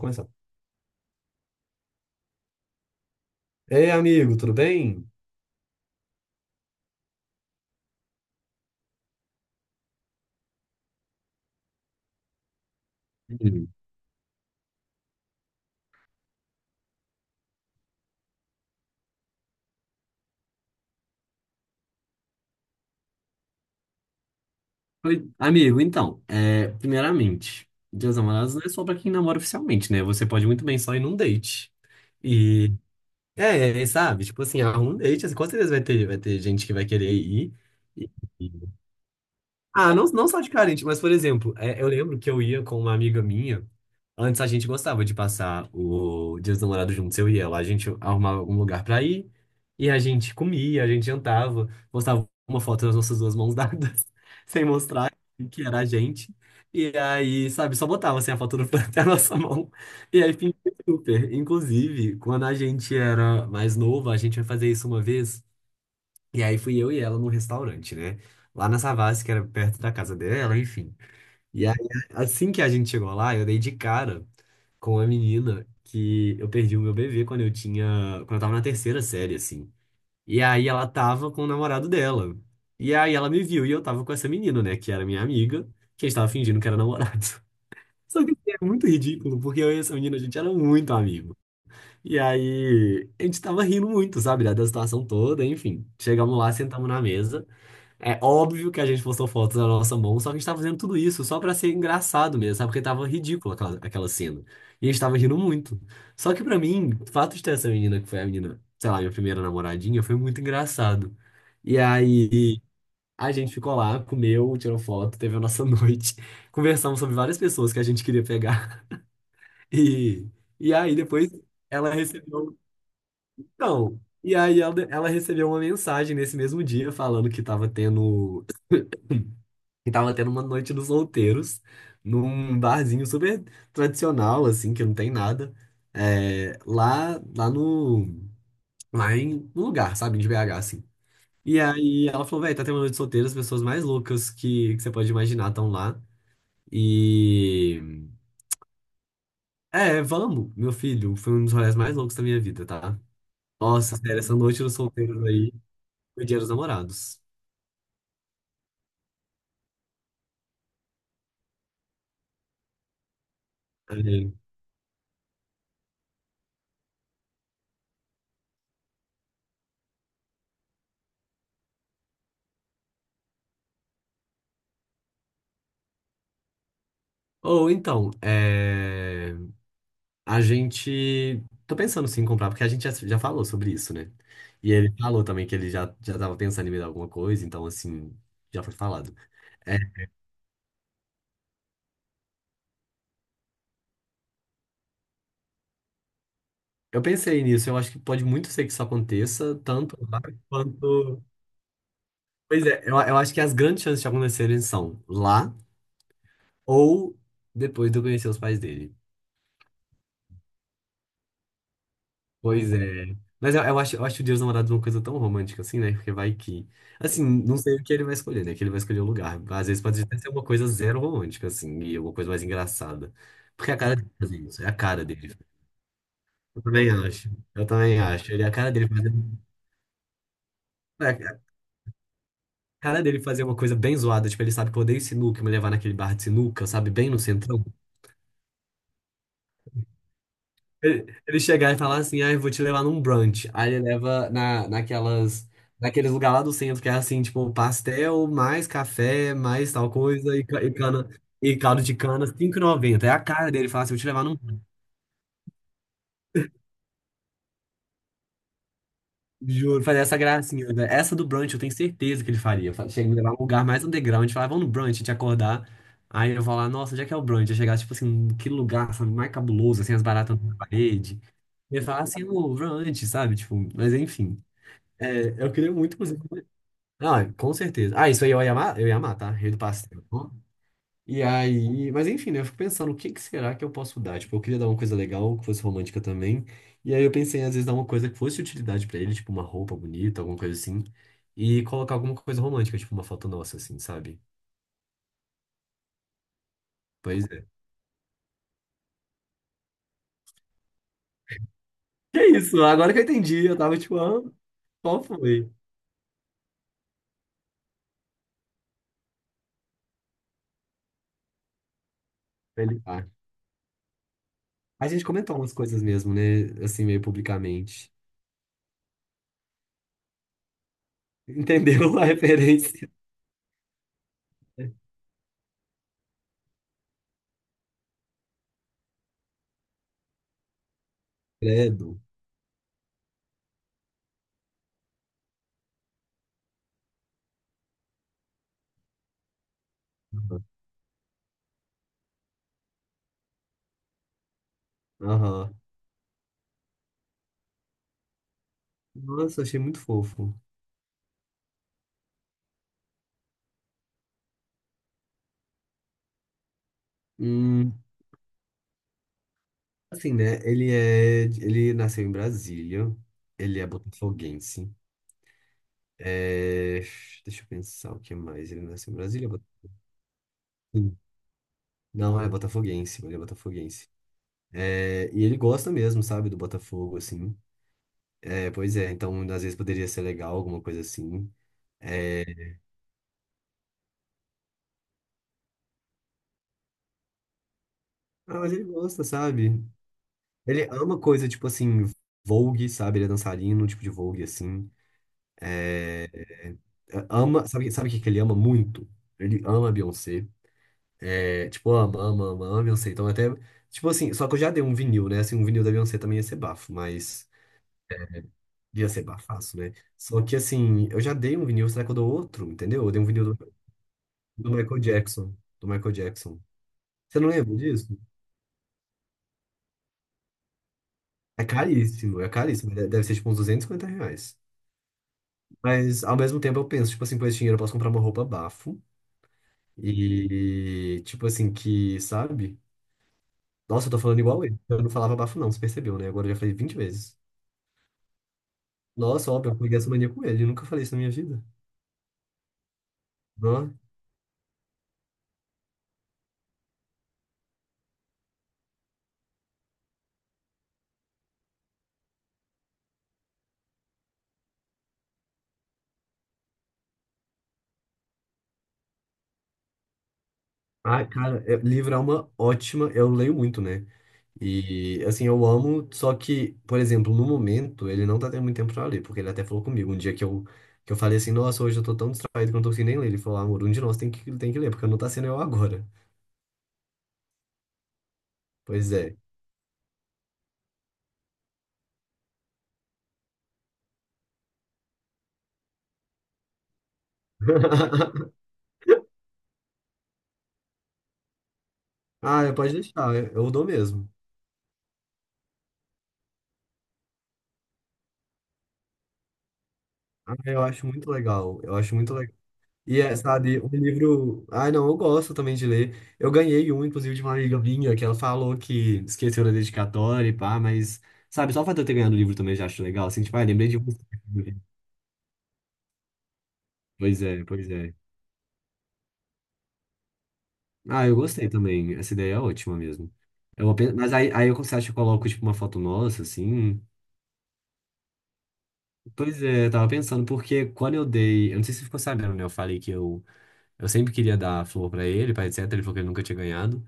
Começar. Ei, amigo, tudo bem? Hum. Oi, amigo, então, primeiramente, Dia dos Namorados não é só pra quem namora oficialmente, né? Você pode muito bem só ir num date. E, é, sabe? Tipo assim, arruma um date, assim, com certeza vai ter gente que vai querer ir. E- e- Ah, não, não só de carente, mas, por exemplo, eu lembro que eu ia com uma amiga minha. Antes a gente gostava de passar o Dia dos Namorados juntos, eu e ela. A gente arrumava um lugar pra ir e a gente comia, a gente jantava, postava uma foto das nossas duas mãos dadas, sem mostrar que era a gente. E aí, sabe, só botava assim a foto do Fran até a nossa mão. E aí fingia super. Inclusive, quando a gente era mais novo, a gente ia fazer isso uma vez. E aí fui eu e ela num restaurante, né? Lá na Savassi, que era perto da casa dela, enfim. E aí, assim que a gente chegou lá, eu dei de cara com uma menina que eu perdi o meu bebê quando eu tinha, quando eu tava na terceira série, assim. E aí ela tava com o namorado dela. E aí ela me viu e eu tava com essa menina, né, que era minha amiga, que a gente tava fingindo que era namorado. Só que é muito ridículo, porque eu e essa menina, a gente era muito amigo. E aí a gente tava rindo muito, sabe, da situação toda, enfim. Chegamos lá, sentamos na mesa. É óbvio que a gente postou fotos da nossa mão, só que a gente tava fazendo tudo isso só pra ser engraçado mesmo, sabe? Porque tava ridícula aquela cena. E a gente tava rindo muito. Só que pra mim, o fato de ter essa menina, que foi a menina, sei lá, minha primeira namoradinha, foi muito engraçado. E aí a gente ficou lá, comeu, tirou foto, teve a nossa noite. Conversamos sobre várias pessoas que a gente queria pegar. E, e aí depois ela recebeu. Então, e aí ela recebeu uma mensagem nesse mesmo dia falando que tava tendo. E tava tendo uma noite dos solteiros, num barzinho super tradicional, assim, que não tem nada. É, lá, lá no, lá em, No lugar, sabe, de BH, assim. E aí ela falou, velho, tá tendo uma noite solteira, as pessoas mais loucas que você pode imaginar estão lá. E... É, vamos, meu filho, foi um dos rolês mais loucos da minha vida, tá? Nossa, sério, essa noite dos solteiros aí foi Dia dos Namorados. Aí, ou então, é... A gente. Tô pensando sim em comprar, porque a gente já falou sobre isso, né? E ele falou também que ele já tava pensando em me dar alguma coisa, então assim, já foi falado. É, eu pensei nisso, eu acho que pode muito ser que isso aconteça, tanto lá quanto. Pois é, eu acho que as grandes chances de acontecerem são lá ou depois de eu conhecer os pais dele. Pois é. Mas eu acho o Dia dos Namorados uma coisa tão romântica assim, né? Porque vai que. Assim, não sei o que ele vai escolher, né? Que ele vai escolher o lugar. Às vezes pode até ser uma coisa zero romântica, assim, e uma coisa mais engraçada. Porque é a cara dele fazer isso, é a cara dele. Eu também acho. Eu também acho. Ele, é a cara dele fazer. É a cara dele fazer uma coisa bem zoada, tipo, ele sabe que eu odeio sinuca, me levar naquele bar de sinuca, sabe? Bem no centrão. Ele chegar e falar assim, ah, eu vou te levar num brunch. Aí ele leva naquelas, naqueles lugar lá do centro, que é assim, tipo, pastel, mais café, mais tal coisa, e, cana, e caldo de cana, cinco e noventa. É a cara dele falar assim, eu vou te levar num brunch. Juro, fazer essa gracinha, né? Essa do brunch eu tenho certeza que ele faria. Chega me levar num lugar mais underground, falar, vamos no brunch, te acordar. Aí eu vou lá, nossa, onde é que é o brunch? Eu chegar, tipo assim, que lugar, sabe, mais cabuloso, assim, as baratas na parede. Ele falar assim, o brunch, sabe? Tipo, mas enfim. É, eu queria muito, inclusive. Ah, com certeza. Ah, isso aí eu ia amar, tá? Rei do pastel. E aí, mas enfim, né? Eu fico pensando, o que que será que eu posso dar? Tipo, eu queria dar uma coisa legal, que fosse romântica também. E aí eu pensei, às vezes, dar uma coisa que fosse utilidade pra ele, tipo uma roupa bonita, alguma coisa assim. E colocar alguma coisa romântica, tipo uma foto nossa, assim, sabe? Pois é. Que isso, agora que eu entendi, eu tava tipo, ah, qual foi? Ele, ah. A gente comentou umas coisas mesmo, né? Assim, meio publicamente. Entendeu a referência? Credo. Aham. Nossa, achei muito fofo. Hum, assim, né? Ele é, ele nasceu em Brasília. Ele é botafoguense. É, deixa eu pensar o que mais. Ele nasceu em Brasília? Sim. Não, é botafoguense. Ele é botafoguense. É, e ele gosta mesmo, sabe, do Botafogo, assim. É, pois é. Então, às vezes poderia ser legal, alguma coisa assim. É, ah, mas ele gosta, sabe? Ele ama coisa tipo assim, Vogue, sabe? Ele é dançarino, tipo de Vogue, assim. É, Ama, sabe o que que ele ama muito? Ele ama a Beyoncé. É, tipo, ama a Beyoncé. Então até, tipo assim, só que eu já dei um vinil, né? Assim, um vinil da Beyoncé também ia ser bafo, mas ia ser bafaço, né? Só que assim, eu já dei um vinil, será que eu dou outro, entendeu? Eu dei um vinil do Michael Jackson, do Michael Jackson. Você não lembra disso? É caríssimo, é caríssimo. Deve ser tipo uns R$ 250. Mas ao mesmo tempo eu penso, tipo assim, com esse dinheiro eu posso comprar uma roupa bafo. E tipo assim, que, sabe? Nossa, eu tô falando igual ele. Eu não falava bafo, não, você percebeu, né? Agora eu já falei 20 vezes. Nossa, óbvio, eu peguei essa mania com ele. Eu nunca falei isso na minha vida. Não. Ah, cara, é, livro é uma ótima. Eu leio muito, né? E, assim, eu amo, só que, por exemplo, no momento, ele não tá tendo muito tempo pra ler, porque ele até falou comigo. Um dia que eu falei assim, nossa, hoje eu tô tão distraído que eu não tô conseguindo nem ler. Ele falou, ah, amor, um de nós tem tem que ler, porque não tá sendo eu agora. Pois é. Ah, eu pode deixar, eu dou mesmo. Ah, eu acho muito legal. Eu acho muito legal. E é, sabe, um livro. Ai, não, eu gosto também de ler. Eu ganhei um, inclusive, de uma amiga minha, que ela falou que esqueceu da dedicatória e pá, mas, sabe, só o fato de eu ter ganhado o livro também já acho legal. Assim, tipo, ai, lembrei de você. Pois é, pois é. Ah, eu gostei também. Essa ideia é ótima mesmo. Mas aí, você acha que eu coloco, tipo, uma foto nossa, assim? Pois é, eu tava pensando, porque quando eu dei. Eu não sei se você ficou sabendo, né? Eu falei que eu sempre queria dar flor pra ele, pai, etc. Ele falou que ele nunca tinha ganhado.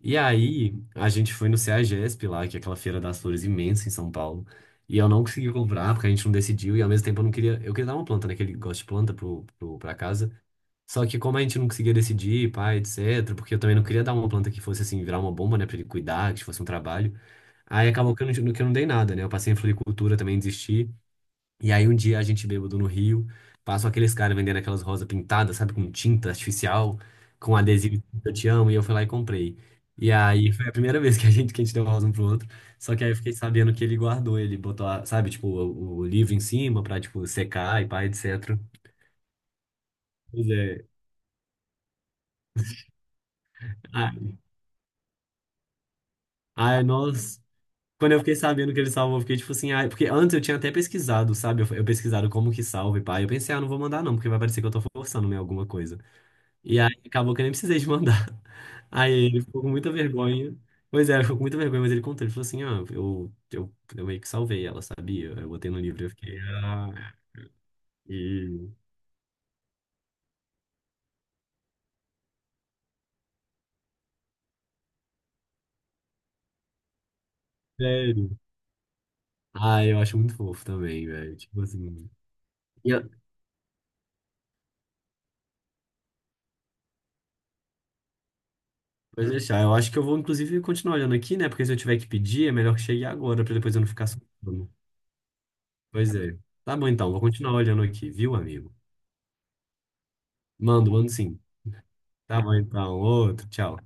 E aí, a gente foi no CEAGESP lá, que é aquela feira das flores imensa em São Paulo. E eu não consegui comprar, porque a gente não decidiu. E ao mesmo tempo eu não queria. Eu queria dar uma planta, né? Que ele gosta de planta pra casa. Só que como a gente não conseguia decidir, pai, etc. Porque eu também não queria dar uma planta que fosse assim, virar uma bomba, né? Pra ele cuidar, que fosse um trabalho. Aí acabou que eu não dei nada, né? Eu passei em floricultura, também desisti. E aí um dia a gente bêbado no Rio, passam aqueles caras vendendo aquelas rosas pintadas, sabe, com tinta artificial, com adesivo escrito Eu Te Amo, e eu fui lá e comprei. E aí foi a primeira vez que a gente deu rosa um pro outro, só que aí eu fiquei sabendo que ele guardou, ele botou, sabe, tipo, o livro em cima pra, tipo, secar e pá, etc. Pois é. Ah, ai, nós... Quando eu fiquei sabendo que ele salvou, eu fiquei tipo assim, ai, porque antes eu tinha até pesquisado, sabe? Eu pesquisado como que salva e pá. Eu pensei, ah, não vou mandar não, porque vai parecer que eu tô forçando, né, alguma coisa. E aí acabou que eu nem precisei de mandar. Aí ele ficou com muita vergonha. Pois é, ele ficou com muita vergonha, mas ele contou. Ele falou assim, ah, eu meio que salvei ela, sabia? Eu botei no livro, eu fiquei, ah, e... Sério? Ah, eu acho muito fofo também, velho. Tipo assim... E eu- Pode deixar, eu acho que eu vou, inclusive, continuar olhando aqui, né? Porque se eu tiver que pedir, é melhor que chegue agora, pra depois eu não ficar soltando. Pois é. Tá bom, então, vou continuar olhando aqui, viu, amigo? Mando sim. Tá bom, então. Outro, tchau.